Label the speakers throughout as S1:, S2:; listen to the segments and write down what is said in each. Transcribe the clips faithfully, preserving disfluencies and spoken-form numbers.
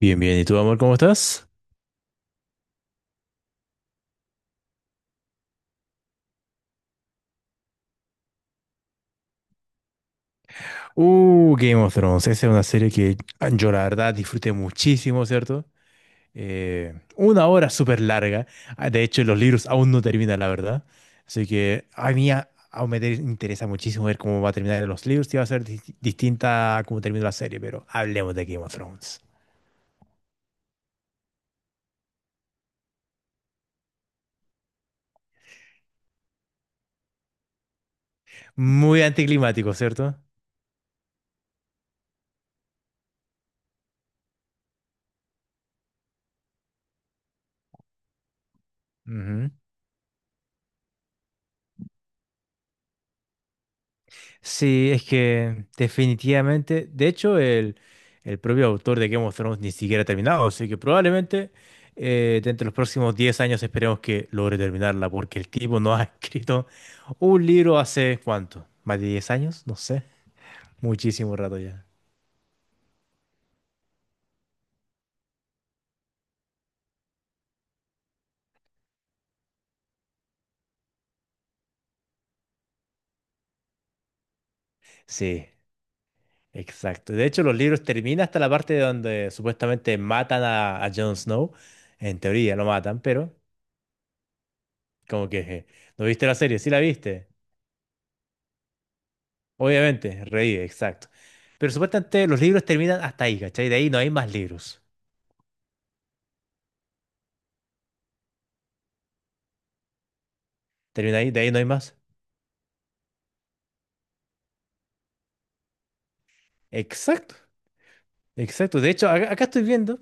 S1: Bien, bien. ¿Y tú, amor, cómo estás? Uh, Game of Thrones. Esa es una serie que ah, yo la verdad disfruté muchísimo, ¿cierto? Eh, una hora súper larga. Ah, De hecho, los libros aún no terminan, la verdad. Así que a mí a- aún me te- interesa muchísimo ver cómo va a terminar los libros y va a ser dis- distinta a cómo termina la serie, pero hablemos de Game of Thrones. Muy anticlimático, cierto. Sí, es que definitivamente, de hecho, el, el propio autor de Game of Thrones ni siquiera ha terminado, así que probablemente eh, dentro de los próximos diez años esperemos que logre terminarla, porque el tipo no ha escrito un libro hace cuánto, más de diez años, no sé, muchísimo rato ya. Sí, exacto. De hecho, los libros terminan hasta la parte donde supuestamente matan a, a Jon Snow, en teoría lo matan, pero como que, eh, ¿no viste la serie? Sí la viste. Obviamente, reír, exacto. Pero supuestamente los libros terminan hasta ahí, ¿cachai? De ahí no hay más libros. Termina ahí, de ahí no hay más. Exacto, exacto. De hecho, acá, acá estoy viendo.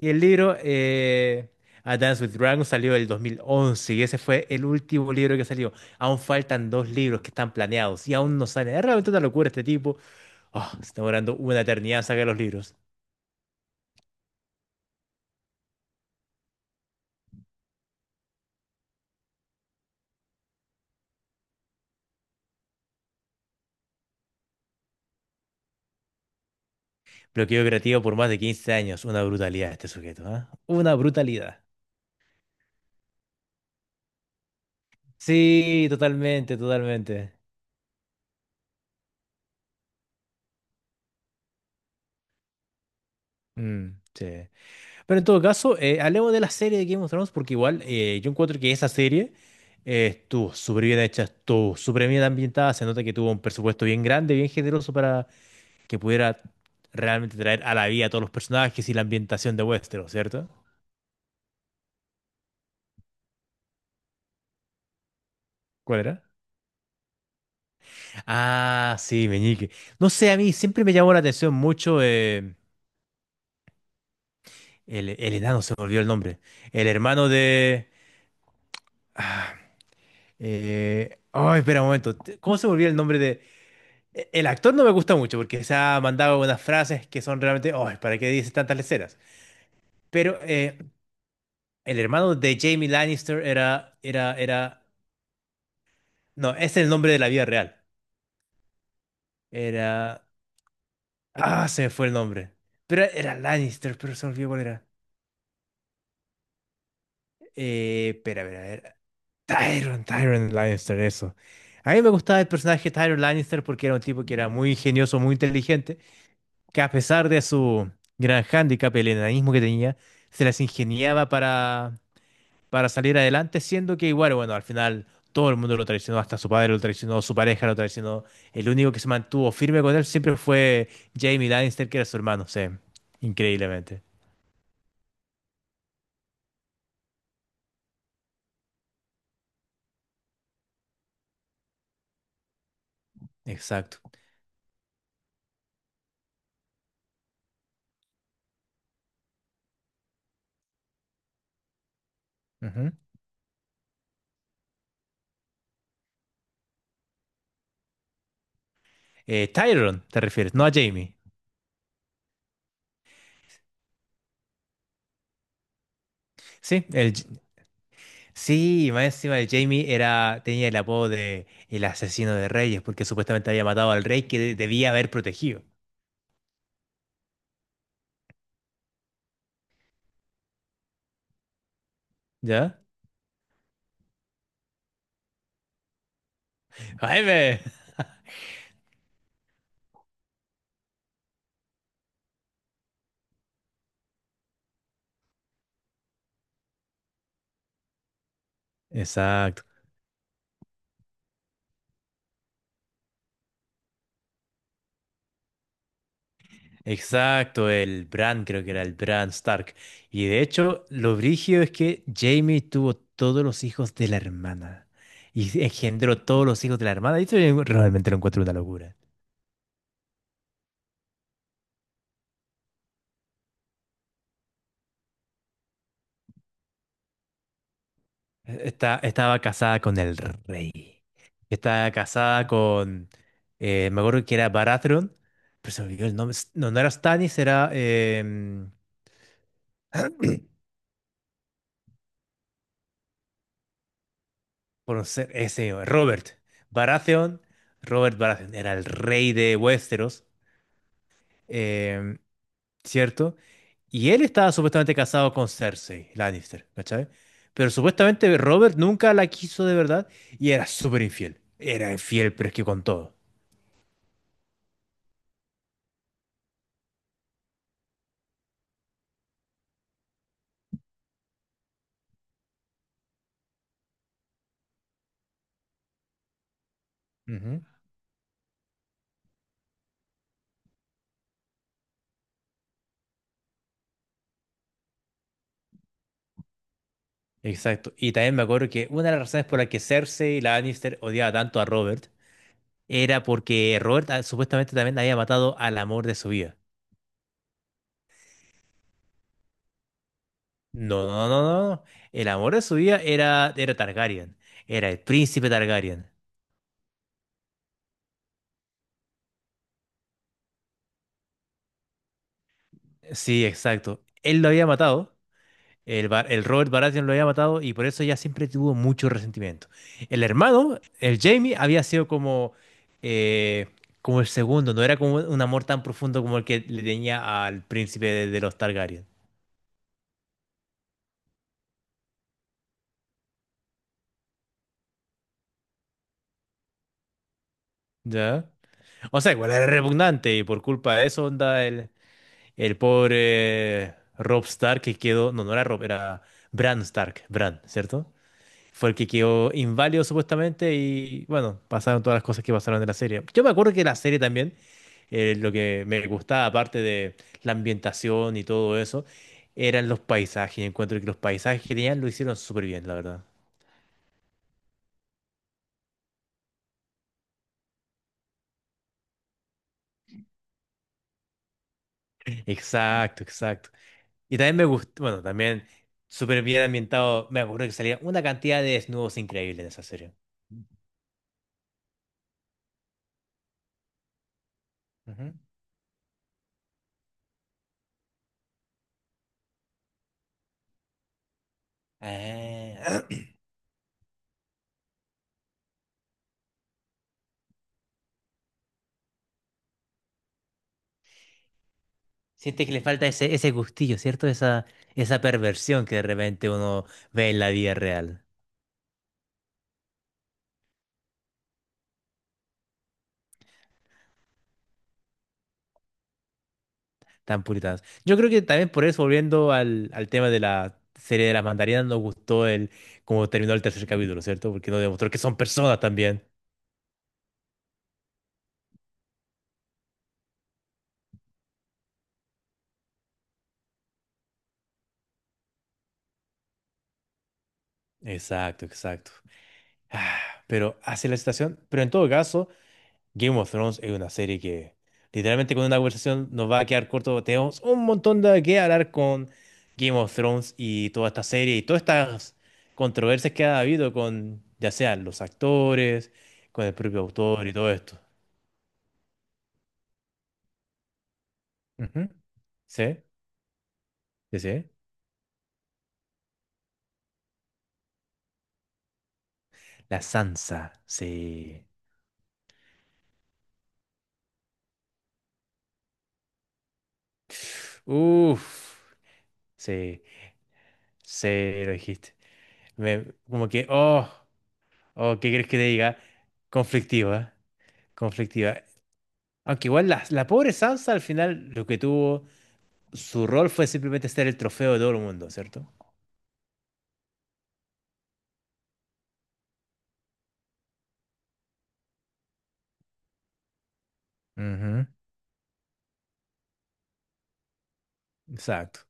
S1: Y el libro eh, A Dance with Dragons salió el dos mil once y ese fue el último libro que salió. Aún faltan dos libros que están planeados y aún no salen. Es realmente una locura este tipo. Oh, se está demorando una eternidad en sacar los libros. Bloqueo creativo por más de quince años. Una brutalidad este sujeto, ¿ah? Una brutalidad. Sí, totalmente, totalmente. Mm, sí. Pero en todo caso, eh, hablemos de la serie de Game of Thrones porque igual eh, yo encuentro que esa serie eh, estuvo súper bien hecha, estuvo súper bien ambientada, se nota que tuvo un presupuesto bien grande, bien generoso para que pudiera realmente traer a la vida a todos los personajes y la ambientación de Westeros, ¿cierto? ¿Cuál era? Ah, sí, Meñique. No sé, a mí siempre me llamó la atención mucho eh, el, el enano, se me olvidó el nombre. El hermano de... ah, eh, ay, espera un momento. te- ¿Cómo se me olvidó el nombre de... E- El actor no me gusta mucho porque se ha mandado unas frases que son realmente, oh, ¿para qué dices tantas leceras? Pero eh, el hermano de Jamie Lannister era, era, era, no, es el nombre de la vida real. Era, ah, se me fue el nombre. Pero era Lannister, pero se me olvidó cuál era. Eh, espera, a ver, a ver. Tyrion, Tyrion Lannister, eso. A mí me gustaba el personaje de Tyrion Lannister porque era un tipo que era muy ingenioso, muy inteligente que a pesar de su gran hándicap, el enanismo que tenía, se las ingeniaba para, para salir adelante, siendo que igual, bueno, al final todo el mundo lo traicionó, hasta su padre lo traicionó, su pareja lo traicionó. El único que se mantuvo firme con él siempre fue Jaime Lannister, que era su hermano, sí, increíblemente. Exacto. Ujú. Eh, Tyrion, te refieres, no a Jaime. Sí, el, sí, más encima de Jaime era, tenía el apodo de el asesino de reyes, porque supuestamente había matado al rey que de- debía haber protegido. ¿Ya? Jaime. Exacto, exacto, el Bran creo que era el Bran Stark. Y de hecho, lo brígido es que Jaime tuvo todos los hijos de la hermana y engendró todos los hijos de la hermana. Y eso yo realmente lo encuentro una locura. Está, estaba casada con el rey. Estaba casada con, eh, me acuerdo que era Baratheon, pero se me olvidó el nombre. S- No, no era Stannis, era... em, conocer ese señor, Robert Baratheon. Robert Baratheon era el rey de Westeros, em, ¿cierto? Y él estaba supuestamente casado con Cersei Lannister, ¿cachai? Pero supuestamente Robert nunca la quiso de verdad y era súper infiel. Era infiel, pero es que con todo. Ujú. Exacto. Y también me acuerdo que una de las razones por las que Cersei y la Lannister odiaba tanto a Robert era porque Robert ah, supuestamente también había matado al amor de su vida. No, no, no, no. No. El amor de su vida era, era Targaryen. Era el príncipe Targaryen. Sí, exacto. Él lo había matado. El, Bar- el Robert Baratheon lo había matado y por eso ella siempre tuvo mucho resentimiento. El hermano, el Jaime, había sido como, eh, como el segundo, no era como un amor tan profundo como el que le tenía al príncipe de, de los Targaryen. ¿Ya? O sea, igual era repugnante y por culpa de eso, onda, el, el pobre Robb Stark que quedó, no, no era Robb, era Bran Stark, Bran, ¿cierto? Fue el que quedó inválido supuestamente y bueno, pasaron todas las cosas que pasaron de la serie. Yo me acuerdo que la serie también, eh, lo que me gustaba, aparte de la ambientación y todo eso, eran los paisajes. Y encuentro que los paisajes que tenían lo hicieron súper bien, la verdad. Exacto, exacto. Y también me gustó, bueno, también súper bien ambientado, me acuerdo que salía una cantidad de desnudos increíbles en esa serie. Ujú. Ah, siente que le falta ese, ese gustillo, ¿cierto? Esa, esa perversión que de repente uno ve en la vida real, tan puritanos. Yo creo que también por eso, volviendo al, al tema de la serie de las mandarinas, nos gustó el cómo terminó el tercer capítulo, ¿cierto? Porque nos demostró que son personas también. Exacto, exacto. Ah, pero hacia la situación, pero en todo caso. Game of Thrones es una serie que literalmente con una conversación nos va a quedar corto. Tenemos un montón de que hablar con Game of Thrones y toda esta serie y todas estas controversias que ha habido con ya sean los actores, con el propio autor y todo esto. Ujú. Sí, sí, sí. La Sansa, sí. Uf, sí, sí, lo dijiste. Me- como que, oh, oh, ¿qué crees que te diga? Conflictiva, conflictiva. Aunque igual la, la pobre Sansa al final lo que tuvo, su rol fue simplemente ser el trofeo de todo el mundo, ¿cierto? Ujú. Exacto.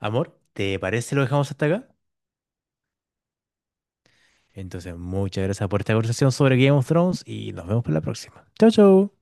S1: Amor, ¿te parece lo dejamos hasta acá? Entonces, muchas gracias por esta conversación sobre Game of Thrones y nos vemos para la próxima. Chau, chau.